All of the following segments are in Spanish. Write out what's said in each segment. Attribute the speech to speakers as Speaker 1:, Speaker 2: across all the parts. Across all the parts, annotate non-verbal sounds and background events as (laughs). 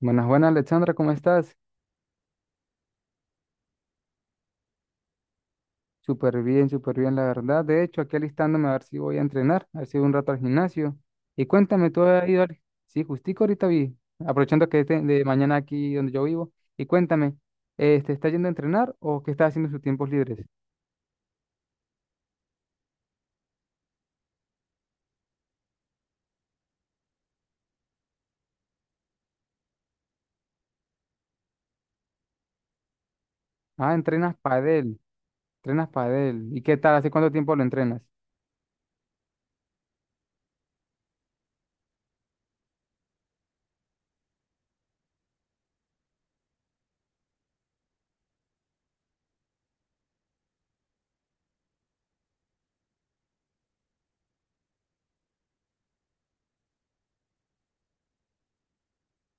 Speaker 1: Buenas, buenas, Alexandra, ¿cómo estás? Súper bien, la verdad. De hecho, aquí alistándome a ver si voy a entrenar, a ver si voy un rato al gimnasio. Y cuéntame, ¿tú has ido al... Sí, justico ahorita vi, aprovechando de mañana aquí donde yo vivo. Y cuéntame, ¿te está yendo a entrenar o qué estás haciendo en sus tiempos libres? Ah, entrenas padel, entrenas padel. ¿Y qué tal? ¿Hace cuánto tiempo lo entrenas?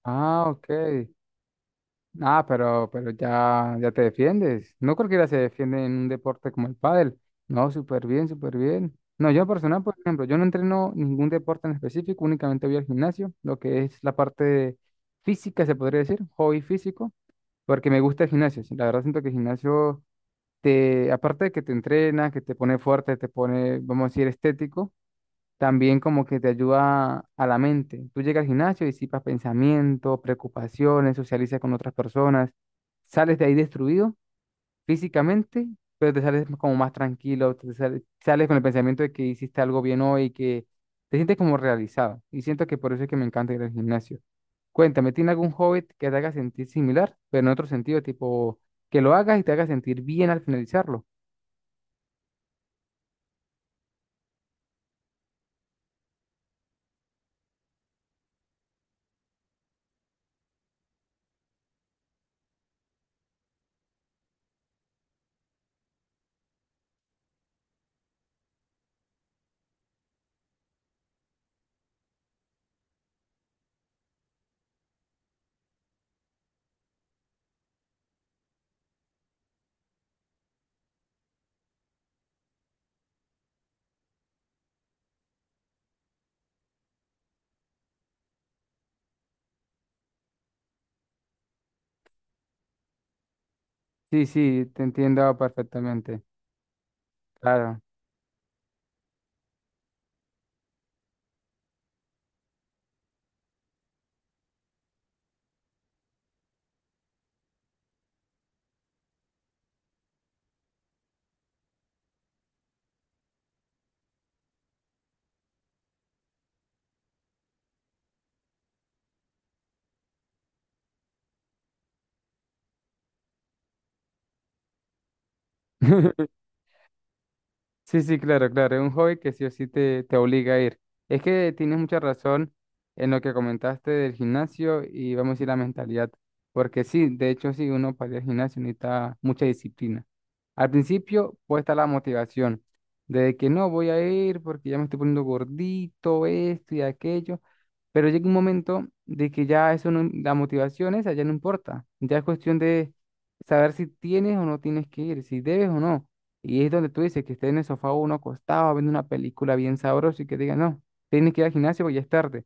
Speaker 1: Ah, ok. Ah, pero ya, ya te defiendes. No cualquiera se defiende en un deporte como el pádel. No, súper bien, súper bien. No, yo en personal, por ejemplo, yo no entreno ningún deporte en específico, únicamente voy al gimnasio, lo que es la parte física, se podría decir, hobby físico, porque me gusta el gimnasio. Sí, la verdad siento que el gimnasio te, aparte de que te entrena, que te pone fuerte, te pone, vamos a decir, estético, también como que te ayuda a la mente. Tú llegas al gimnasio, disipas pensamientos, preocupaciones, socializas con otras personas, sales de ahí destruido físicamente, pero te sales como más tranquilo, te sales, sales con el pensamiento de que hiciste algo bien hoy y que te sientes como realizado. Y siento que por eso es que me encanta ir al gimnasio. Cuéntame, ¿tiene algún hobby que te haga sentir similar, pero en otro sentido, tipo que lo hagas y te haga sentir bien al finalizarlo? Sí, sí, te entiendo perfectamente. Claro. (laughs) Sí, sí, claro, claro. Es un hobby que sí o sí te obliga a ir. Es que tienes mucha razón en lo que comentaste del gimnasio y vamos a decir la mentalidad. Porque sí, de hecho, sí, uno para ir al gimnasio necesita mucha disciplina. Al principio puede estar la motivación de que no voy a ir porque ya me estoy poniendo gordito, esto y aquello. Pero llega un momento de que ya eso no, la motivación esa ya no importa. Ya es cuestión de saber si tienes o no tienes que ir, si debes o no. Y es donde tú dices que esté en el sofá uno acostado viendo una película bien sabrosa y que diga, no, tienes que ir al gimnasio porque ya es tarde.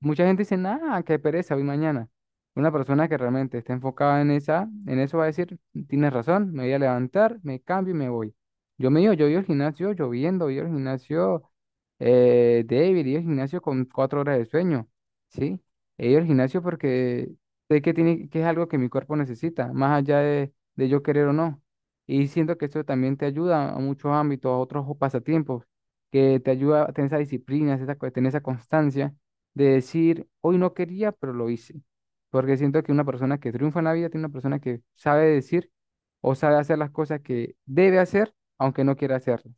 Speaker 1: Mucha gente dice, nada, qué pereza, hoy mañana. Una persona que realmente está enfocada en esa, en eso va a decir, tienes razón, me voy a levantar, me cambio y me voy. Yo me iba, yo iba al gimnasio lloviendo, iba al gimnasio, David, iba al gimnasio con 4 horas de sueño, ¿sí? He ido al gimnasio porque sé que tiene, que es algo que mi cuerpo necesita, más allá de yo querer o no. Y siento que eso también te ayuda a muchos ámbitos, a otros pasatiempos, que te ayuda a tener esa disciplina, esa, tener esa constancia de decir, hoy no quería, pero lo hice. Porque siento que una persona que triunfa en la vida tiene una persona que sabe decir o sabe hacer las cosas que debe hacer, aunque no quiera hacerlas.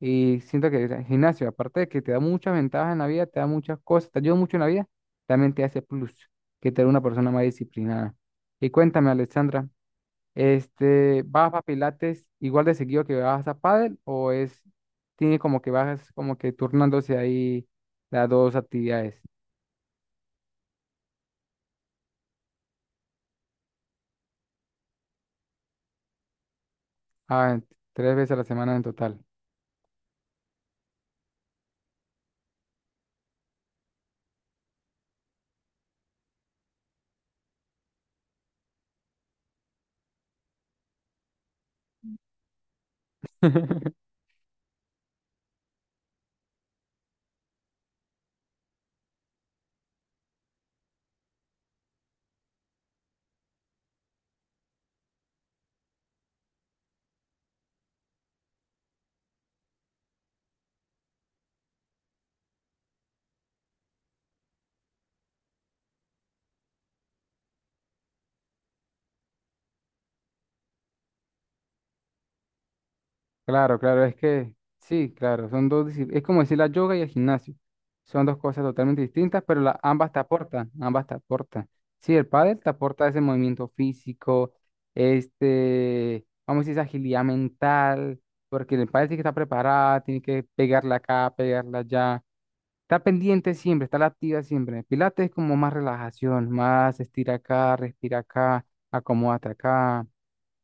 Speaker 1: Y siento que el gimnasio, aparte de que te da muchas ventajas en la vida, te da muchas cosas, te ayuda mucho en la vida, también te hace plus, que te da una persona más disciplinada. Y cuéntame, Alexandra, este, ¿vas a Pilates igual de seguido que vas a pádel o es, tiene como que vas como que turnándose ahí las dos actividades? Ah, en- Tres veces a la semana en total. (laughs) Claro, claro, es que sí, claro, son dos, es como decir la yoga y el gimnasio. Son dos cosas totalmente distintas, pero ambas te aportan, ambas te aportan. Sí, el pádel te aporta ese movimiento físico, este, vamos a decir, esa agilidad mental, porque el pádel tiene que estar preparada, tiene que pegarla acá, pegarla allá. Está pendiente siempre, está la activa siempre. Pilates es como más relajación, más estira acá, respira acá, acomódate acá.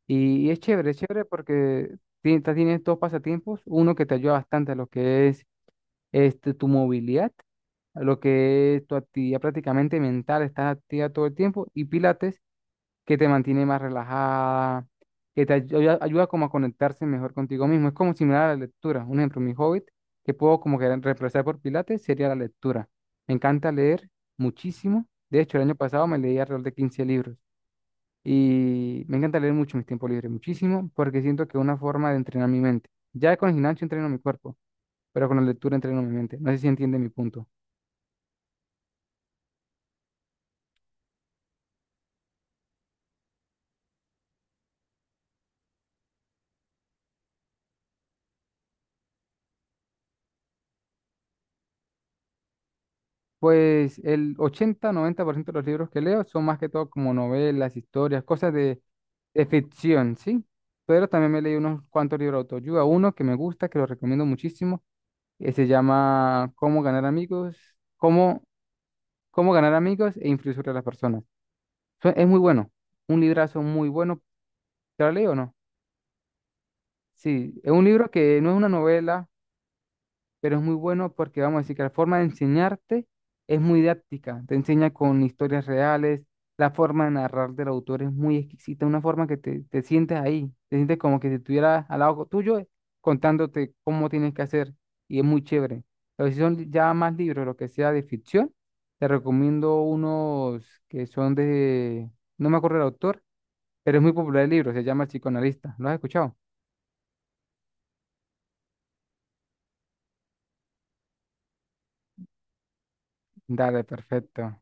Speaker 1: Y es chévere porque tienes, tienes dos pasatiempos, uno que te ayuda bastante a lo que es este, tu movilidad, a lo que es tu actividad prácticamente mental, estás activa todo el tiempo, y Pilates que te mantiene más relajada, que te ayuda, ayuda como a conectarse mejor contigo mismo. Es como similar a la lectura. Un ejemplo, mi hobbit, que puedo como que reemplazar por Pilates, sería la lectura. Me encanta leer muchísimo. De hecho, el año pasado me leí alrededor de 15 libros. Y me encanta leer mucho en mis tiempos libres, muchísimo, porque siento que es una forma de entrenar mi mente. Ya con el gimnasio entreno mi cuerpo, pero con la lectura entreno mi mente. No sé si entiende mi punto. Pues el 80 90% de los libros que leo son más que todo como novelas, historias, cosas de ficción, ¿sí? Pero también me leí unos cuantos libros de autoayuda. Uno que me gusta, que lo recomiendo muchísimo, que se llama Cómo ganar amigos, cómo, cómo ganar amigos e influir sobre las personas. Es muy bueno, un librazo muy bueno. ¿Te lo leí o no? Sí, es un libro que no es una novela, pero es muy bueno porque vamos a decir que la forma de enseñarte es muy didáctica, te enseña con historias reales, la forma de narrar del autor es muy exquisita, una forma que te sientes ahí, te sientes como que si estuvieras al lado tuyo contándote cómo tienes que hacer y es muy chévere. Pero si son ya más libros, lo que sea de ficción, te recomiendo unos que son de, no me acuerdo el autor, pero es muy popular el libro, se llama El psicoanalista, ¿lo has escuchado? Dale, perfecto.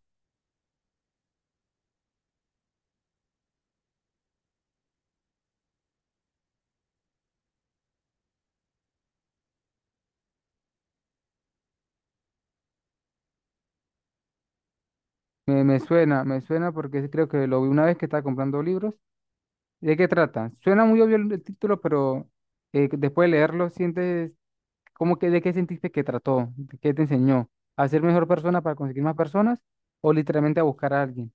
Speaker 1: Me, me suena porque creo que lo vi una vez que estaba comprando libros. ¿De qué trata? Suena muy obvio el título, pero después de leerlo, sientes como que de qué sentiste que trató, de qué te enseñó, a ser mejor persona para conseguir más personas o literalmente a buscar a alguien.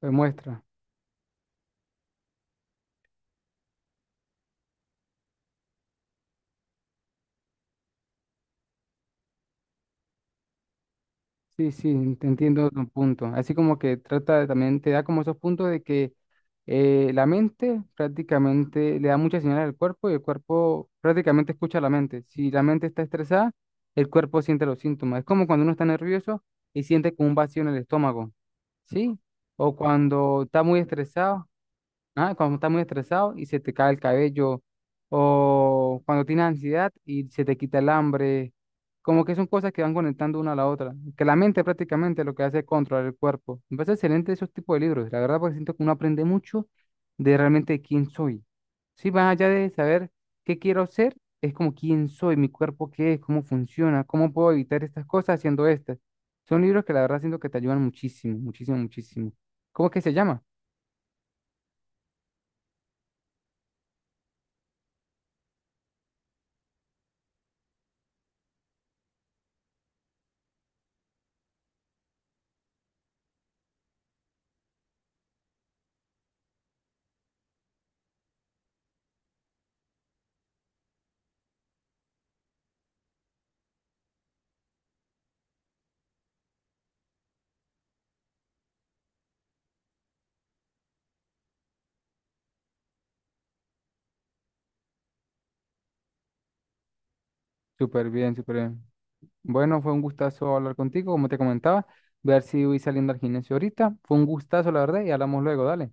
Speaker 1: Pues muestra. Sí, sí, te entiendo tu punto. Así como que también, te da como esos puntos de que la mente prácticamente le da muchas señales al cuerpo y el cuerpo prácticamente escucha a la mente. Si la mente está estresada, el cuerpo siente los síntomas. Es como cuando uno está nervioso y siente como un vacío en el estómago, ¿sí? O cuando está muy estresado. Ah, cuando estás muy estresado y se te cae el cabello, o cuando tienes ansiedad y se te quita el hambre, como que son cosas que van conectando una a la otra, que la mente prácticamente lo que hace es controlar el cuerpo. Me parece excelente esos tipos de libros, la verdad porque siento que uno aprende mucho de realmente quién soy. Sí, más allá de saber qué quiero ser, es como quién soy, mi cuerpo qué es, cómo funciona, cómo puedo evitar estas cosas haciendo estas. Son libros que la verdad siento que te ayudan muchísimo, muchísimo, muchísimo. ¿Cómo es que se llama? Súper bien, súper bien. Bueno, fue un gustazo hablar contigo, como te comentaba. Voy a ver si voy saliendo al gimnasio ahorita. Fue un gustazo, la verdad, y hablamos luego, dale.